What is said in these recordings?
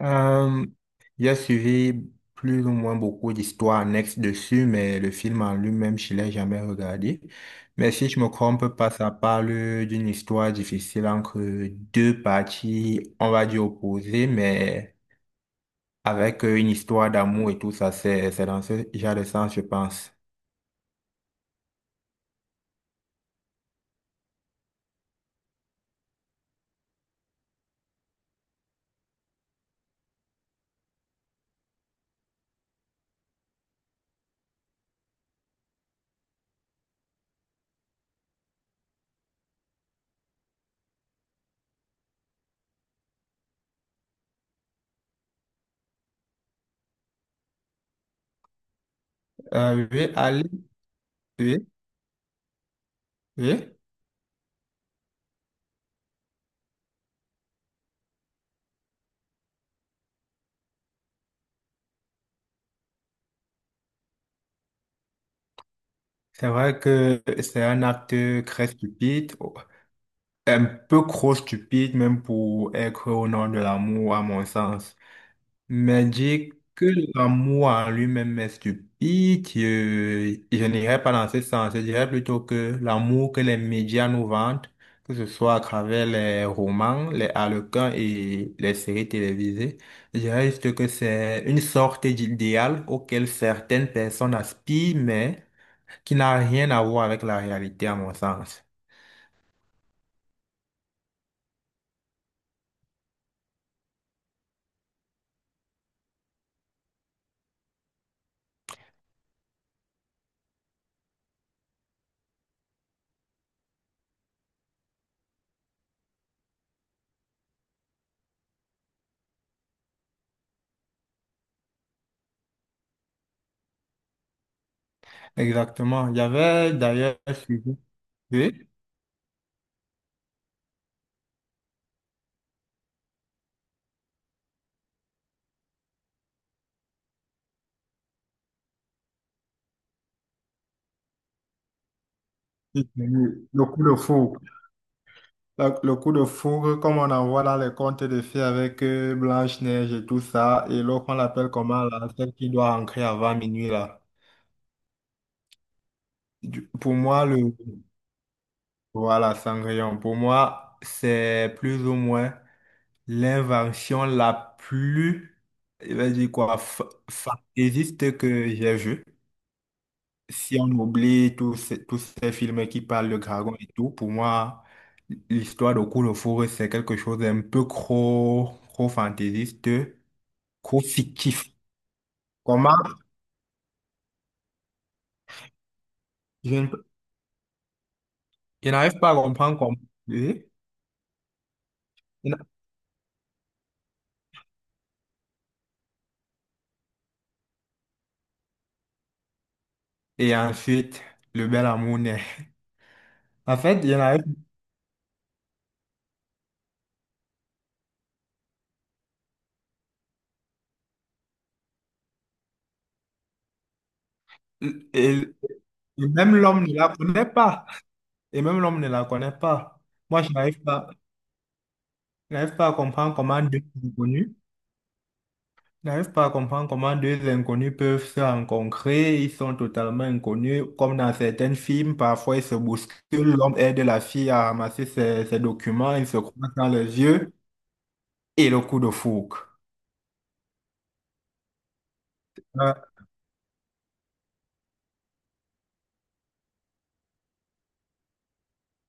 Euh, j'ai suivi plus ou moins beaucoup d'histoires annexes dessus, mais le film en lui-même, je ne l'ai jamais regardé. Mais si je me trompe pas, ça parle d'une histoire difficile entre deux parties, on va dire opposées, mais avec une histoire d'amour et tout ça, c'est dans ce genre de sens, je pense. Oui, Ali, oui, oui. C'est vrai que c'est un acte très stupide, un peu trop stupide même pour être au nom de l'amour, à mon sens. Mais dire que l'amour en lui-même est stupide, je n'irais pas dans ce sens. Je dirais plutôt que l'amour que les médias nous vendent, que ce soit à travers les romans, les harlequins et les séries télévisées, je dirais juste que c'est une sorte d'idéal auquel certaines personnes aspirent, mais qui n'a rien à voir avec la réalité, à mon sens. Exactement. J'avais d'ailleurs suivi. Oui? Le coup de fou. Le coup de foudre, comme on en voit dans les contes de fées avec Blanche-Neige et tout ça, et l'autre, on l'appelle comment, là, celle qui doit rentrer avant minuit, là. Du- pour moi, le, voilà, Cendrillon, pour moi, c'est plus ou moins l'invention la plus, je vais dire quoi, fantaisiste que j'ai vue. Si on oublie tous ces films qui parlent de dragons et tout, pour moi, l'histoire de coup de foudre, c'est quelque chose d'un peu trop, trop fantaisiste. Trop fictif. Comment? Je ne je n'arrive pas à comprendre comment. Et et ensuite, le bel amour naît. En fait, je n'arrive. Et même l'homme ne la connaît pas. Et même l'homme ne la connaît pas. Moi, je n'arrive pas à comprendre comment deux inconnus, je n'arrive pas à comprendre comment deux inconnus peuvent se rencontrer. Ils sont totalement inconnus. Comme dans certains films, parfois ils se bousculent. L'homme aide la fille à ramasser ses documents. Ils se croisent dans les yeux. Et le coup de foudre. Ah,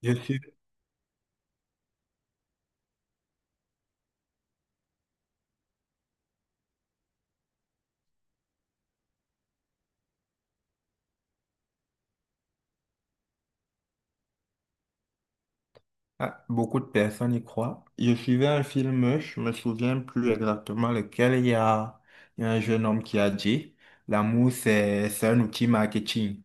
je suis... beaucoup de personnes y croient. Je suivais un film, je me souviens plus exactement lequel. Il y a un jeune homme qui a dit, l'amour, c'est un outil marketing.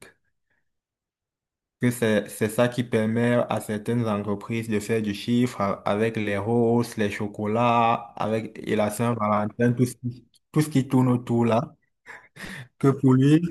Que c'est ça qui permet à certaines entreprises de faire du chiffre avec les roses, les chocolats, avec et la Saint-Valentin, tout ce qui tourne autour là. Que pour lui,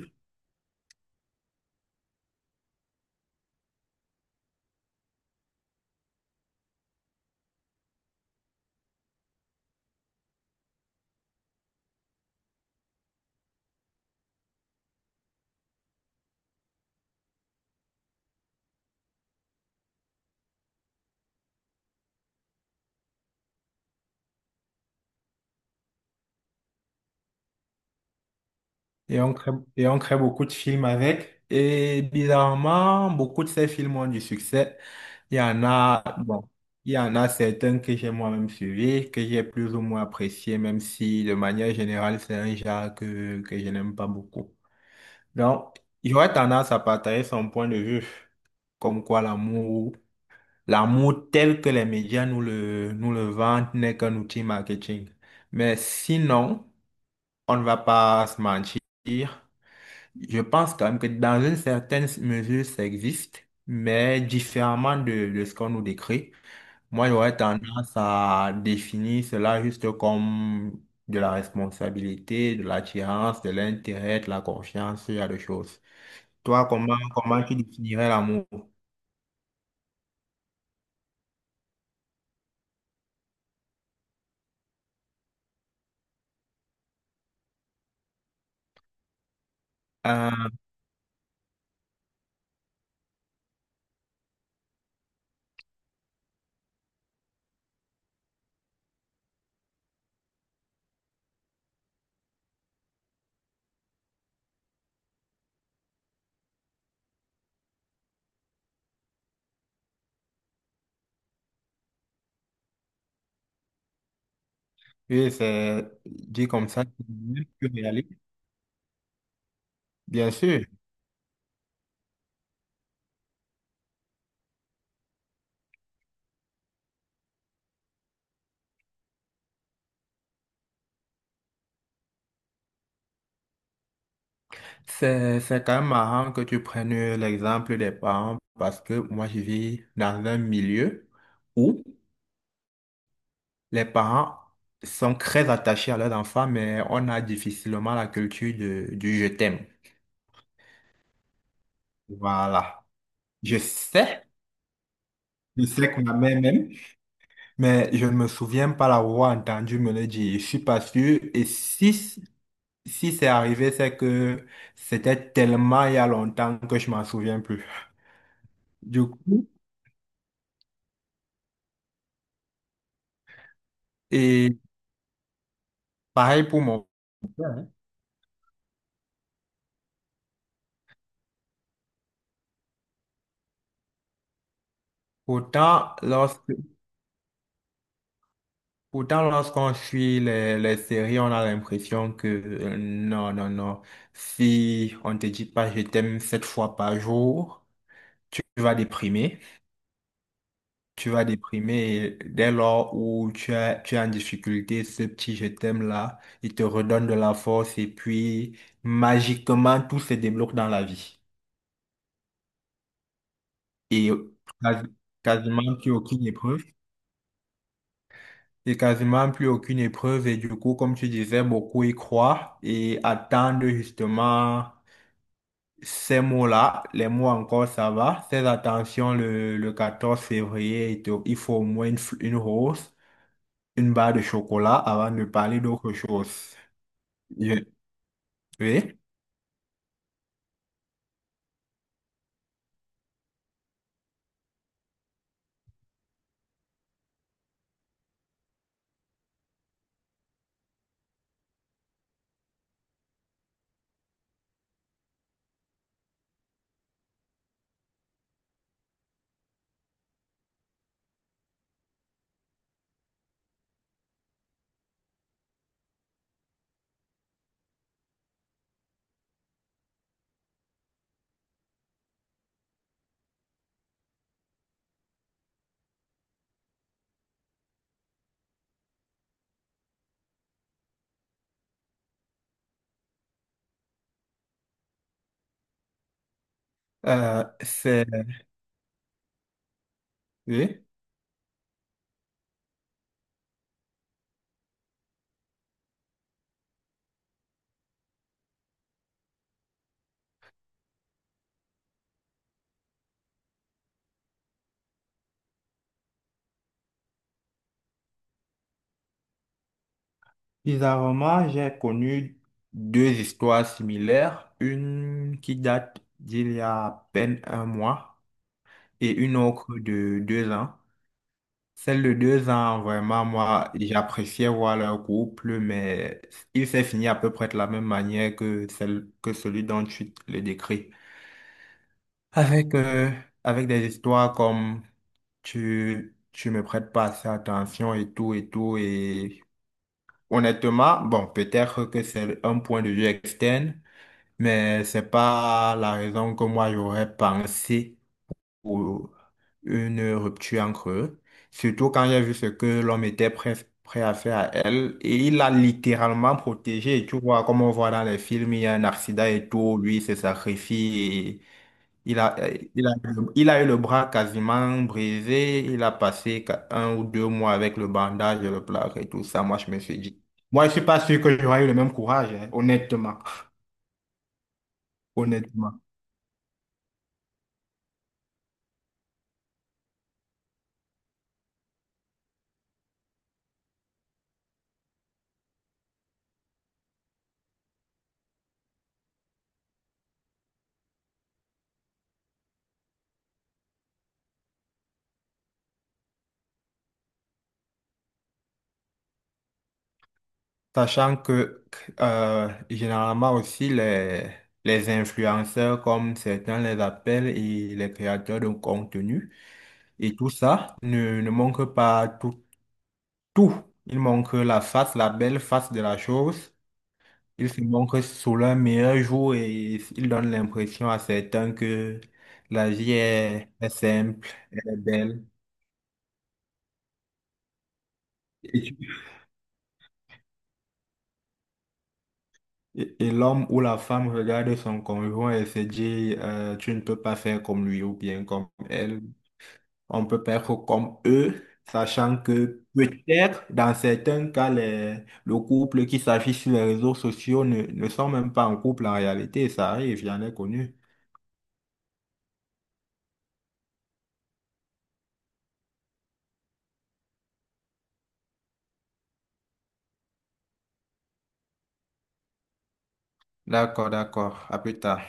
Et on crée, et on crée beaucoup de films avec. Et bizarrement, beaucoup de ces films ont du succès. Il y en a, bon, il y en a certains que j'ai moi-même suivis, que j'ai plus ou moins appréciés, même si de manière générale, c'est un genre que je n'aime pas beaucoup. Donc, j'aurais tendance à partager son point de vue, comme quoi l'amour, l'amour tel que les médias nous le vendent n'est qu'un outil marketing. Mais sinon, on ne va pas se mentir. Je pense quand même que dans une certaine mesure, ça existe, mais différemment de ce qu'on nous décrit. Moi, j'aurais tendance à définir cela juste comme de la responsabilité, de l'attirance, de l'intérêt, de la confiance, ce genre de choses. Toi, comment tu définirais l'amour? Euh, oui, c'est dit comme ça, c'est mieux, plus réaliste. Bien sûr. C'est quand même marrant que tu prennes l'exemple des parents parce que moi, je vis dans un milieu où les parents sont très attachés à leurs enfants, mais on a difficilement la culture du je t'aime. Voilà. Je sais, je sais qu'on a même, même, mais je ne me souviens pas l'avoir entendu me le dire. Je suis pas sûr. Et si c'est arrivé, c'est que c'était tellement il y a longtemps que je m'en souviens plus. Du coup, et pareil pour mon père. Pourtant, lorsque, pourtant, lorsqu'on suit les séries, on a l'impression que non, non, non. Si on te dit pas je t'aime sept fois par jour, tu vas déprimer. Tu vas déprimer et dès lors où tu as, tu es en difficulté, ce petit je t'aime là, il te redonne de la force et puis magiquement tout se débloque dans la vie. Et quasi- quasiment plus aucune épreuve. Et quasiment plus aucune épreuve. Et du coup, comme tu disais, beaucoup y croient et attendent justement ces mots-là. Les mots encore, ça va. Ces attentions, le 14 février, il faut au moins une rose, une barre de chocolat avant de parler d'autre chose. Je- Oui. Euh, c'est, oui. Bizarrement, j'ai connu deux histoires similaires. Une qui date d'il y a à peine un mois et une autre de 2 ans. Celle de 2 ans, vraiment, moi, j'appréciais voir leur couple, mais il s'est fini à peu près de la même manière que celle, que celui dont tu le décris. Avec, avec des histoires comme tu me prêtes pas assez attention et tout et tout. Et honnêtement, bon, peut-être que c'est un point de vue externe, mais c'est pas la raison que moi j'aurais pensé ou une rupture entre eux, surtout quand j'ai vu ce que l'homme était prêt, prêt à faire à elle, et il l'a littéralement protégée, tu vois, comme on voit dans les films, il y a un accident et tout, lui il se sacrifie, et il a, il a, il a eu le bras quasiment brisé, il a passé 1 ou 2 mois avec le bandage et le plâtre et tout ça, moi je me suis dit, moi je suis pas sûr que j'aurais eu le même courage, hein, honnêtement, honnêtement. Sachant que généralement aussi les influenceurs, comme certains les appellent, et les créateurs de contenu, et tout ça ne manque pas tout, tout. Il manque la face, la belle face de la chose. Il se manque sous leur meilleur jour et il donne l'impression à certains que la vie est simple, elle est belle. Et, tu- et l'homme ou la femme regarde son conjoint et se dit, tu ne peux pas faire comme lui ou bien comme elle. On peut perdre comme eux, sachant que peut-être dans certains cas, le couple qui s'affiche sur les réseaux sociaux ne sont même pas en couple en réalité. Ça arrive, j'en ai connu. D'accord, d'accord. À plus tard.